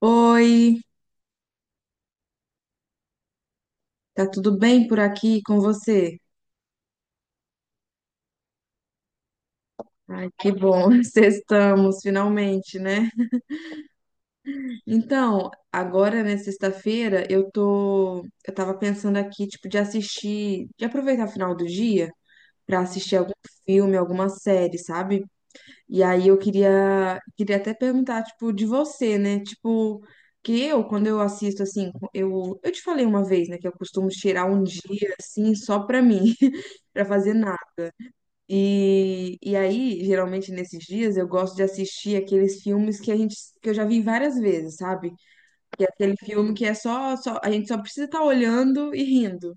Oi, tá tudo bem por aqui com você? Que bom, estamos finalmente, né? Então, agora, né, sexta-feira, eu tava pensando aqui, tipo, de aproveitar o final do dia pra assistir algum filme, alguma série, sabe? E aí eu queria, queria até perguntar, tipo, de você, né? Tipo, quando eu assisto, assim, eu te falei uma vez, né, que eu costumo tirar um dia, assim, só pra mim, pra fazer nada. E aí, geralmente nesses dias, eu gosto de assistir aqueles filmes que eu já vi várias vezes, sabe? Que é aquele filme que é só a gente só precisa estar olhando e rindo.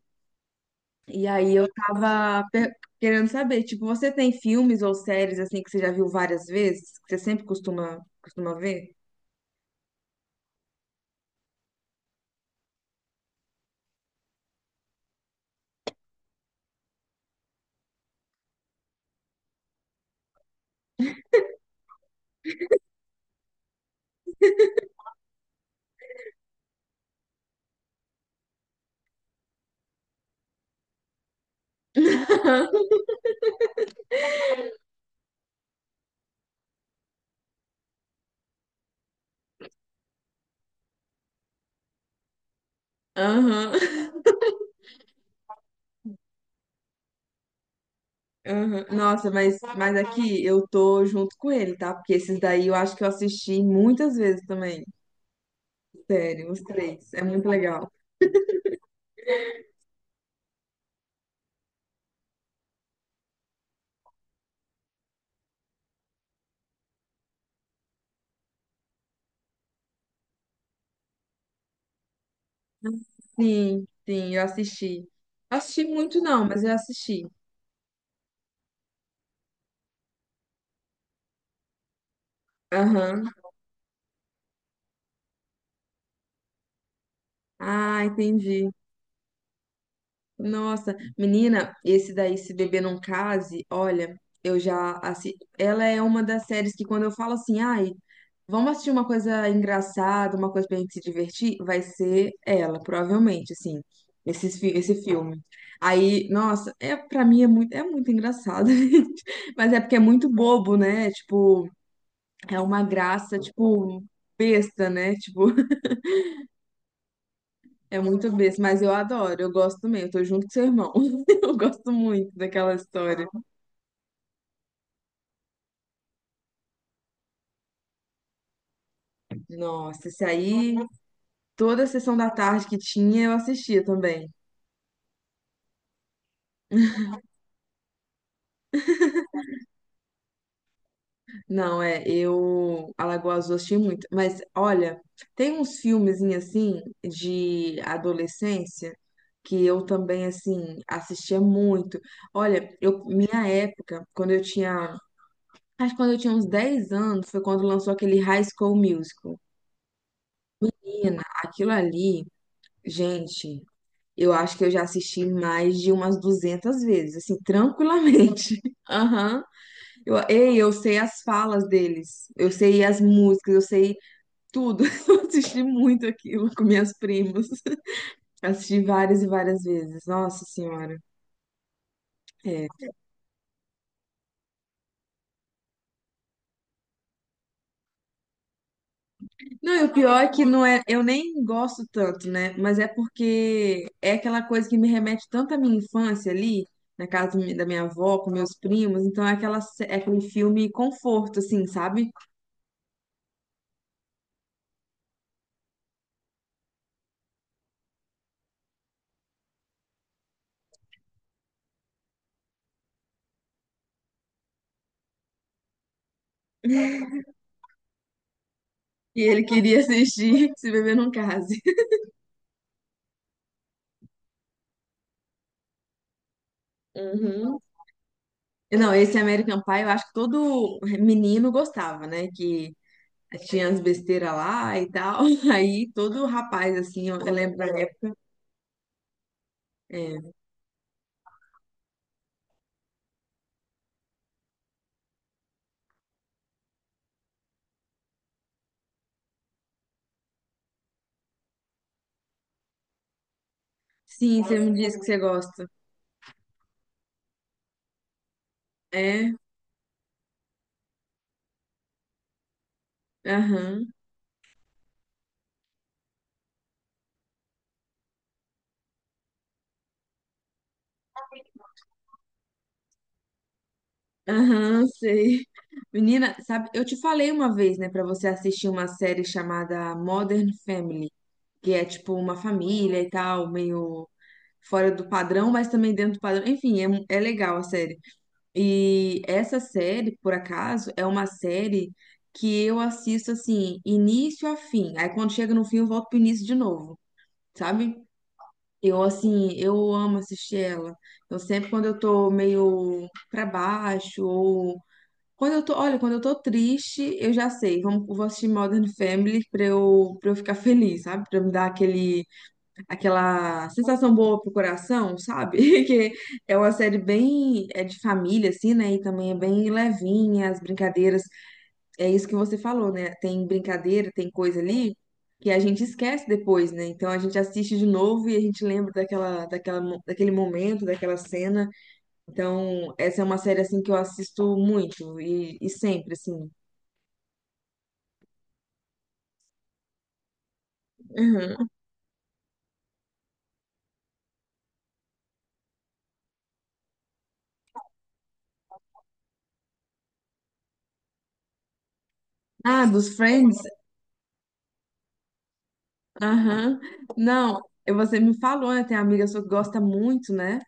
E aí eu tava querendo saber, tipo, você tem filmes ou séries assim que você já viu várias vezes, que você sempre costuma ver? Aham. Aham. Nossa, mas aqui eu tô junto com ele, tá? Porque esses daí eu acho que eu assisti muitas vezes também. Sério, os três. É muito legal. Sim, sim, eu assisti. Assisti muito não, mas eu assisti. Aham. Ah, entendi. Nossa, menina, esse daí, Se Beber Não Case, olha, eu já assisti. Ela é uma das séries que quando eu falo assim, ai, vamos assistir uma coisa engraçada, uma coisa pra gente se divertir? Vai ser ela, provavelmente, assim, esse filme. Aí, nossa, é, pra mim é muito engraçado, gente. Mas é porque é muito bobo, né? Tipo, é uma graça, tipo, besta, né? Tipo, é muito besta, mas eu adoro, eu gosto também, eu tô junto com seu irmão. Eu gosto muito daquela história. Nossa, esse aí, toda a sessão da tarde que tinha, eu assistia também. Não, é, eu Alagoas Azul eu assisti muito, mas olha, tem uns filmezinhos assim de adolescência que eu também assim assistia muito. Olha, eu minha época, acho que quando eu tinha uns 10 anos, foi quando lançou aquele High School Musical. Menina, aquilo ali, gente, eu acho que eu já assisti mais de umas 200 vezes, assim, tranquilamente. Aham. Eu sei as falas deles, eu sei as músicas, eu sei tudo. Eu assisti muito aquilo com minhas primas. Assisti várias e várias vezes. Nossa Senhora. É. Não, e o pior é que não é, eu nem gosto tanto, né? Mas é porque é aquela coisa que me remete tanto à minha infância ali, na casa da minha avó, com meus primos. Então é, é aquele filme conforto, assim, sabe? E ele queria assistir Se Beber Não Case. Uhum. Não, esse American Pie, eu acho que todo menino gostava, né? Que tinha as besteiras lá e tal. Aí todo rapaz, assim, ó, eu lembro da época. É, sim, você me disse que você gosta. É, aham, aham, sei. Menina, sabe, eu te falei uma vez, né, pra você assistir uma série chamada Modern Family, que é tipo uma família e tal, meio fora do padrão, mas também dentro do padrão. Enfim, é, é legal a série. E essa série, por acaso, é uma série que eu assisto assim, início a fim. Aí quando chega no fim, eu volto pro início de novo, sabe? Eu amo assistir ela. Eu sempre quando eu tô meio pra baixo ou quando eu tô, olha, quando eu tô triste, eu já sei, vou assistir Modern Family pra eu ficar feliz, sabe? Pra me dar aquele aquela sensação boa pro coração, sabe? Que é uma série bem é de família assim, né? E também é bem levinha as brincadeiras. É isso que você falou, né? Tem brincadeira, tem coisa ali que a gente esquece depois, né? Então a gente assiste de novo e a gente lembra daquela, daquele momento, daquela cena. Então, essa é uma série assim que eu assisto muito e sempre assim. Uhum. Ah, dos Friends? Aham. Não, você me falou, né? Tem amiga sua que gosta muito, né?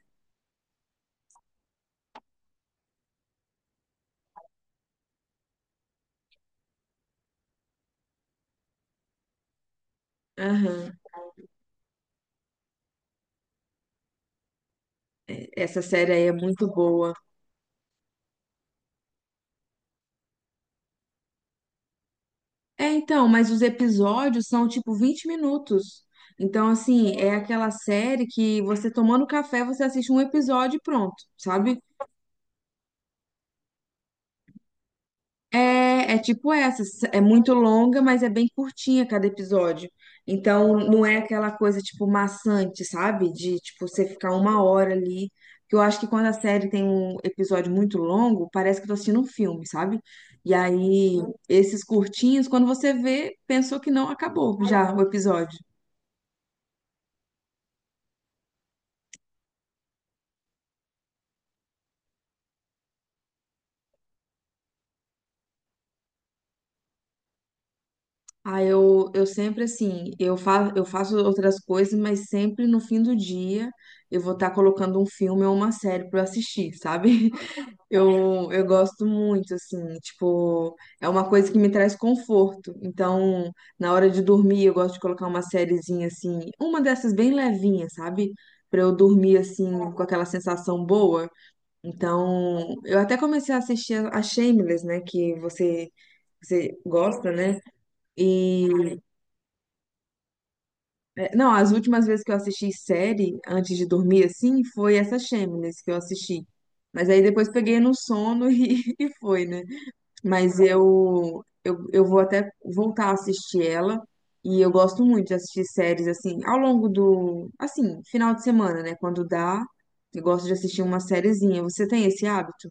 Aham. Essa série aí é muito boa. É, então, mas os episódios são tipo 20 minutos. Então, assim, é aquela série que você tomando café, você assiste um episódio e pronto, sabe? É tipo essa, é muito longa, mas é bem curtinha cada episódio. Então não é aquela coisa tipo maçante, sabe? De tipo você ficar uma hora ali. Que eu acho que quando a série tem um episódio muito longo, parece que eu tô assistindo um filme, sabe? E aí esses curtinhos, quando você vê, pensou que não acabou já o episódio. Ah, eu sempre assim, eu faço outras coisas, mas sempre no fim do dia eu vou estar colocando um filme ou uma série para assistir, sabe? Eu gosto muito, assim, tipo, é uma coisa que me traz conforto. Então, na hora de dormir, eu gosto de colocar uma sériezinha, assim, uma dessas bem levinha, sabe? Pra eu dormir, assim, com aquela sensação boa. Então, eu até comecei a assistir a Shameless, né? Que você gosta, né? E, é, não, as últimas vezes que eu assisti série antes de dormir, assim, foi essa Shameless que eu assisti. Mas aí depois peguei no sono e foi, né? Mas eu vou até voltar a assistir ela. E eu gosto muito de assistir séries assim, ao longo do, assim, final de semana, né? Quando dá, eu gosto de assistir uma sériezinha. Você tem esse hábito?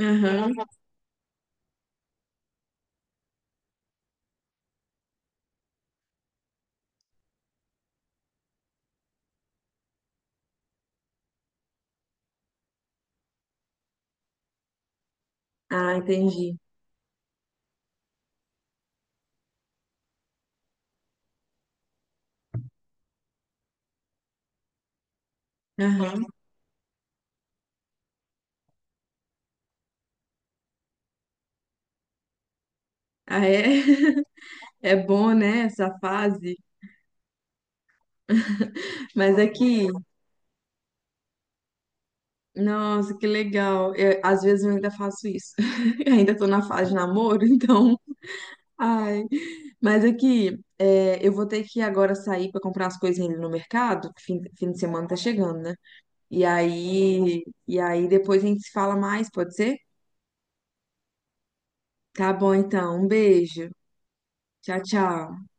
Aham. Ah, entendi. Aham. Ah, é? É bom, né, essa fase? Mas aqui, nossa, que legal. Às vezes eu ainda faço isso. Ainda tô na fase de namoro, então. Ai, mas aqui, é, eu vou ter que agora sair para comprar as coisas ali no mercado, que fim de semana tá chegando, né? E aí, depois a gente se fala mais, pode ser? Tá bom, então. Um beijo. Tchau, tchau.